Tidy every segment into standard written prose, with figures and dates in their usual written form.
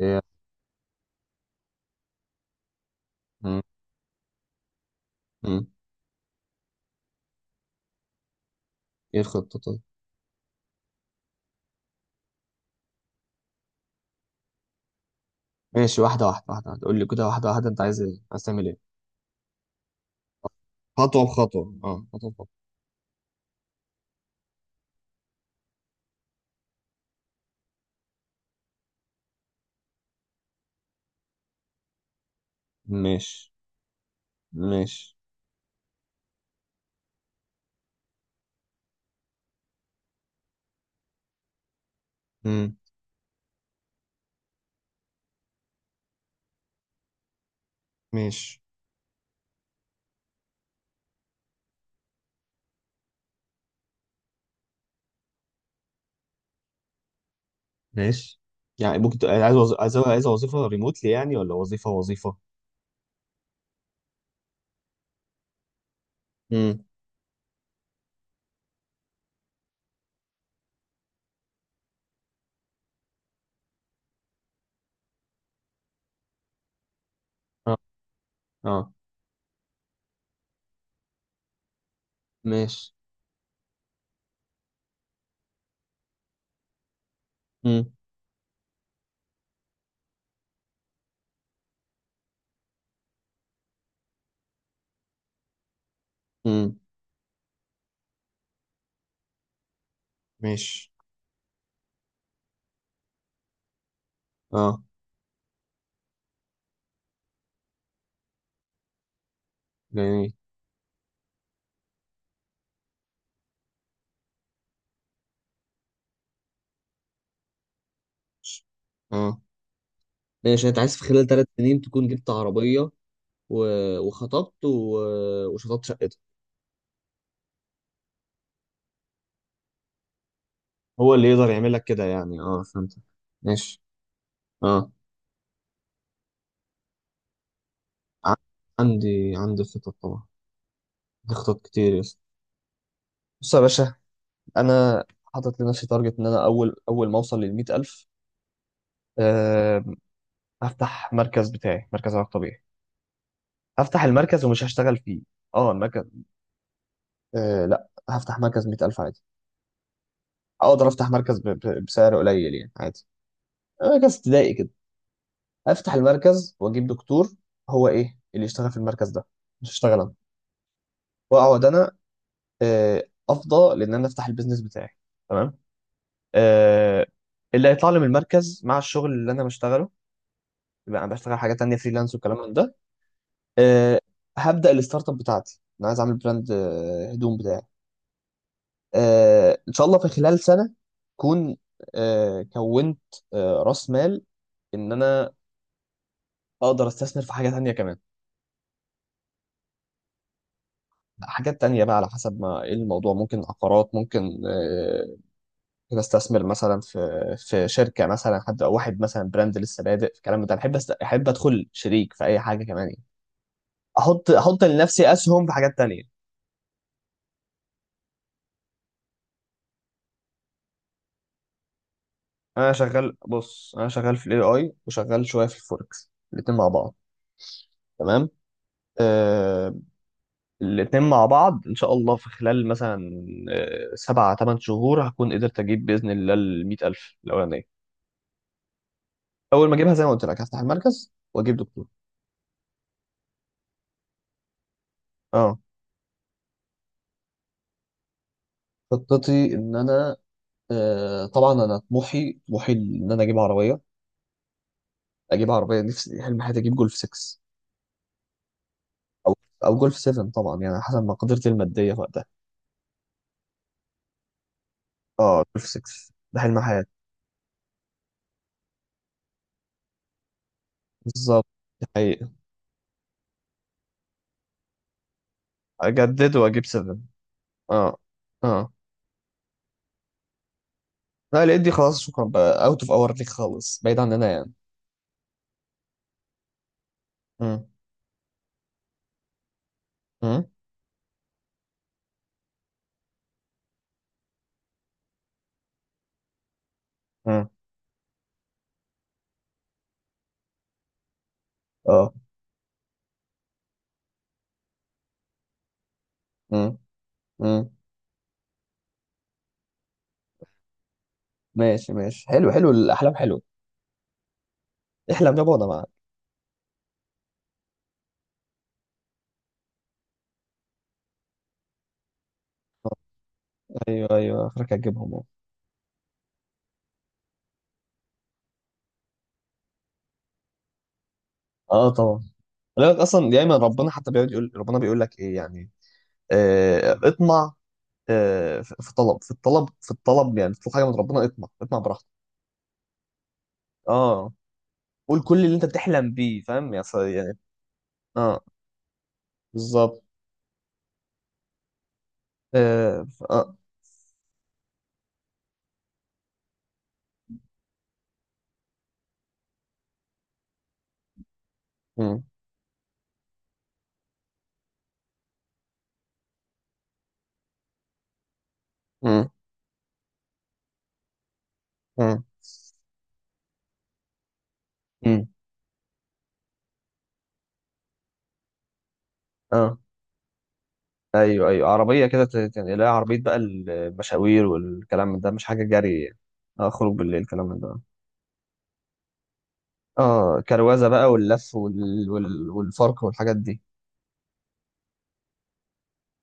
ايه. مم. مم. ايه الخطة طيب؟ ماشي، واحدة واحدة واحدة واحدة، قول لي كده واحدة واحدة. انت عايز ايه؟ عايز تعمل ايه؟ خطوة بخطوة، اه، خطوة بخطوة. ماشي، ماشي. مم. ماشي، ماشي. يعني ممكن تبقى عايز عايز وظيفة ريموتلي يعني، ولا وظيفة وظيفة؟ امم. اه، اه. ماشي. امم، امم. ماشي. اه. جميل. اه، ماشي. يعني انت عايز في خلال 3 سنين تكون جبت عربية، و... وخطبت، وشطبت شقتك؟ هو اللي يقدر يعمل لك كده يعني، اه، فهمت. ماشي. اه. ع- عندي خطط طبعا. عندي خطط كتير يا اسطى. بص يا باشا. انا حاطط لنفسي تارجت، ان انا اول ما اوصل لل 100000. أه. هفتح مركز بتاعي، مركز علاج طبيعي. هفتح المركز ومش هشتغل فيه. اه، المركز. أه، لا، هفتح مركز 100000 عادي. اقدر افتح مركز بسعر قليل يعني، عادي. مركز ابتدائي كده. هفتح المركز واجيب دكتور. هو ايه اللي يشتغل في المركز ده؟ مش هشتغل انا. واقعد انا، افضى، لان انا افتح البيزنس بتاعي. تمام. آه، اللي هيطلع لي من المركز مع الشغل اللي انا بشتغله، يبقى انا بشتغل حاجات تانية فريلانس والكلام من ده. آه، هبدا الستارت اب بتاعتي. انا عايز اعمل براند، هدوم بتاعي. ان شاء الله في خلال سنه اكون كونت راس مال، ان انا اقدر استثمر في حاجه تانية كمان. حاجات تانية بقى على حسب ما ايه الموضوع، ممكن عقارات، ممكن، بستثمر مثلا في شركه، مثلا حد او واحد مثلا براند لسه بادئ في الكلام ده، بحب احب ادخل شريك في اي حاجه كمان يعني. احط لنفسي اسهم في حاجات تانية. انا شغال. بص، انا شغال في الاي اي، وشغال شويه في الفوركس، الاتنين مع بعض. تمام. آه... الاتنين مع بعض، ان شاء الله في خلال مثلا 7 8 شهور هكون قدرت اجيب باذن الله ال 100000 الاولانيه. اول ما اجيبها زي ما قلت لك هفتح المركز واجيب دكتور. اه، خطتي ان انا، طبعا انا طموحي، طموحي، ان انا اجيب عربيه، اجيب عربيه. نفسي، حلم حياتي، اجيب جولف 6، او او جولف 7، طبعا يعني حسب مقدرتي الماديه في وقتها. اه، جولف 6 ده حلم حياتي. بالظبط، دي حقيقه. اجدد واجيب 7. اه، اه. لا، لقيت دي خلاص، شكرا بقى، اوت اوف اور ليك خالص، بعيد عننا يعني. امم، امم، امم، اه، امم، امم. ماشي ماشي، حلو حلو، الاحلام حلوه. احلم يابا، انا معاك. ايوه، ايوه، اخرك هتجيبهم، اه. آه، طبعا. ولكن اصلا دايما ربنا حتى بيقعد يقول، ربنا بيقول لك ايه يعني؟ آه، اطمع. آه، في الطلب، في الطلب، في الطلب، يعني تطلب حاجه من ربنا، اطمع، اطمع براحتك. اه، قول كل اللي انت بتحلم بيه فاهم يا يعني. اه، بالظبط، اه، اه. مم. مم. مم. مم. اه، ايوه، ايوه، عربيه كده يعني، لا، عربيه بقى المشاوير والكلام من ده، مش حاجه جري يعني. اه، خروج بالليل الكلام من ده. اه، كروزه بقى، واللف والفرق والحاجات دي.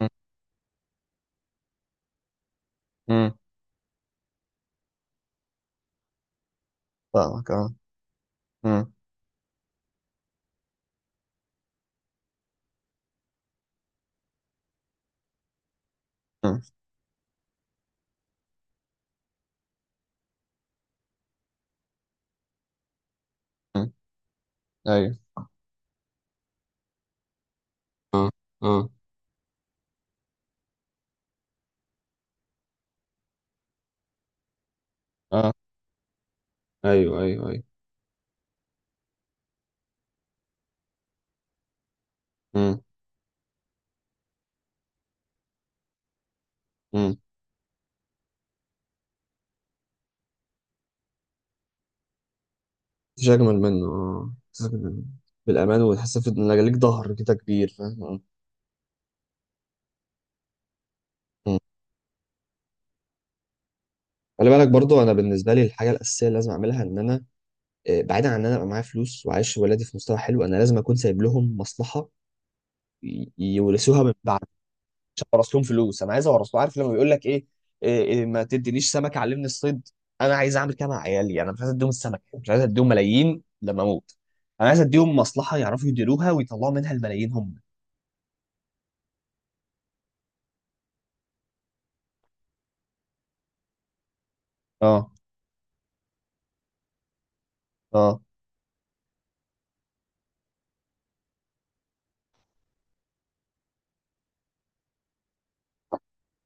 مم. مم. فاهمك، اه. مم. مم. مم. ايوه، اه، اه، ايوه، ايوه، ايوه. مم. مم. مفيش اجمل منه، اه، مفيش أجمل منه. بالامان، وتحس ان ليك ظهر كده كبير، فاهم، آه. مم. خلي بالك برضو، انا بالنسبه لي الحاجه الاساسيه اللي لازم اعملها ان انا، بعيدا عن ان انا ابقى معايا فلوس وعايش ولادي في مستوى حلو، انا لازم اكون سايب لهم مصلحه يورثوها من بعد. مش هورث لهم فلوس، انا عايز اورث له. عارف لما بيقول لك ايه؟ إيه، إيه، ما تدينيش سمك علمني الصيد. انا عايز اعمل كده مع عيالي يعني، انا مش عايز اديهم السمك، مش عايز اديهم ملايين لما اموت. انا عايز اديهم مصلحه يعرفوا يديروها ويطلعوا منها الملايين هم. اه، اه،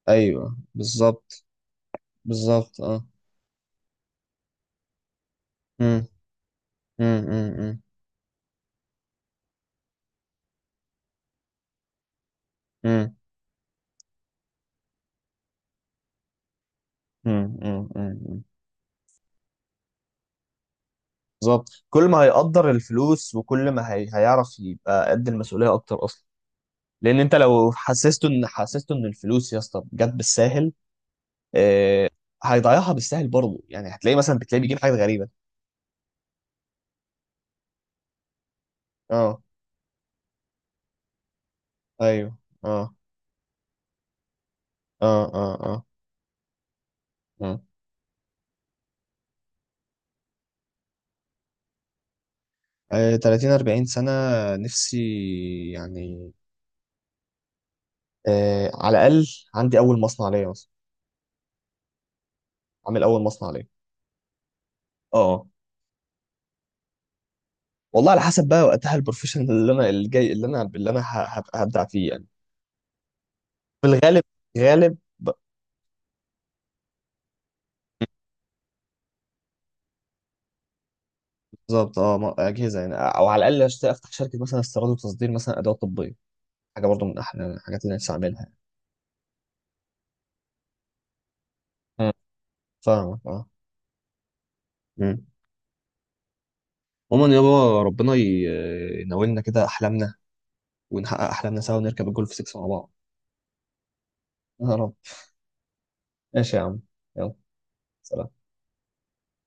ايوه، بالظبط. بالظبط، اه. امم، امم، امم، امم. بالظبط، كل ما هيقدر الفلوس وكل ما هيعرف يبقى قد المسؤوليه اكتر اصلا. لان انت لو حسسته ان الفلوس يا اسطى جت بالساهل، آه، هيضيعها بالسهل برضه يعني، هتلاقيه مثلا بتلاقيه بيجيب حاجات غريبه. اه، ايوه. اه، اه، اه، اه. اه 30 40 سنه نفسي يعني. آه، على الاقل عندي اول مصنع ليا مثلا، عامل اول مصنع ليا. اه. والله على حسب بقى وقتها، البروفيشن اللي انا الجاي، اللي انا هبدع فيه يعني. في الغالب. غالب، بالظبط، اه، اجهزه يعني، او على الاقل افتح شركه مثلا استيراد وتصدير، مثلا ادوات طبيه. حاجه برضو من احلى الحاجات اللي أنا نفسي اعملها. مم. فاهمك، اه. مم. عموما يابا، ربنا يناولنا كده احلامنا، ونحقق احلامنا سوا، ونركب الجولف 6 مع بعض. يا رب. ماشي يا عم. يلا. سلام.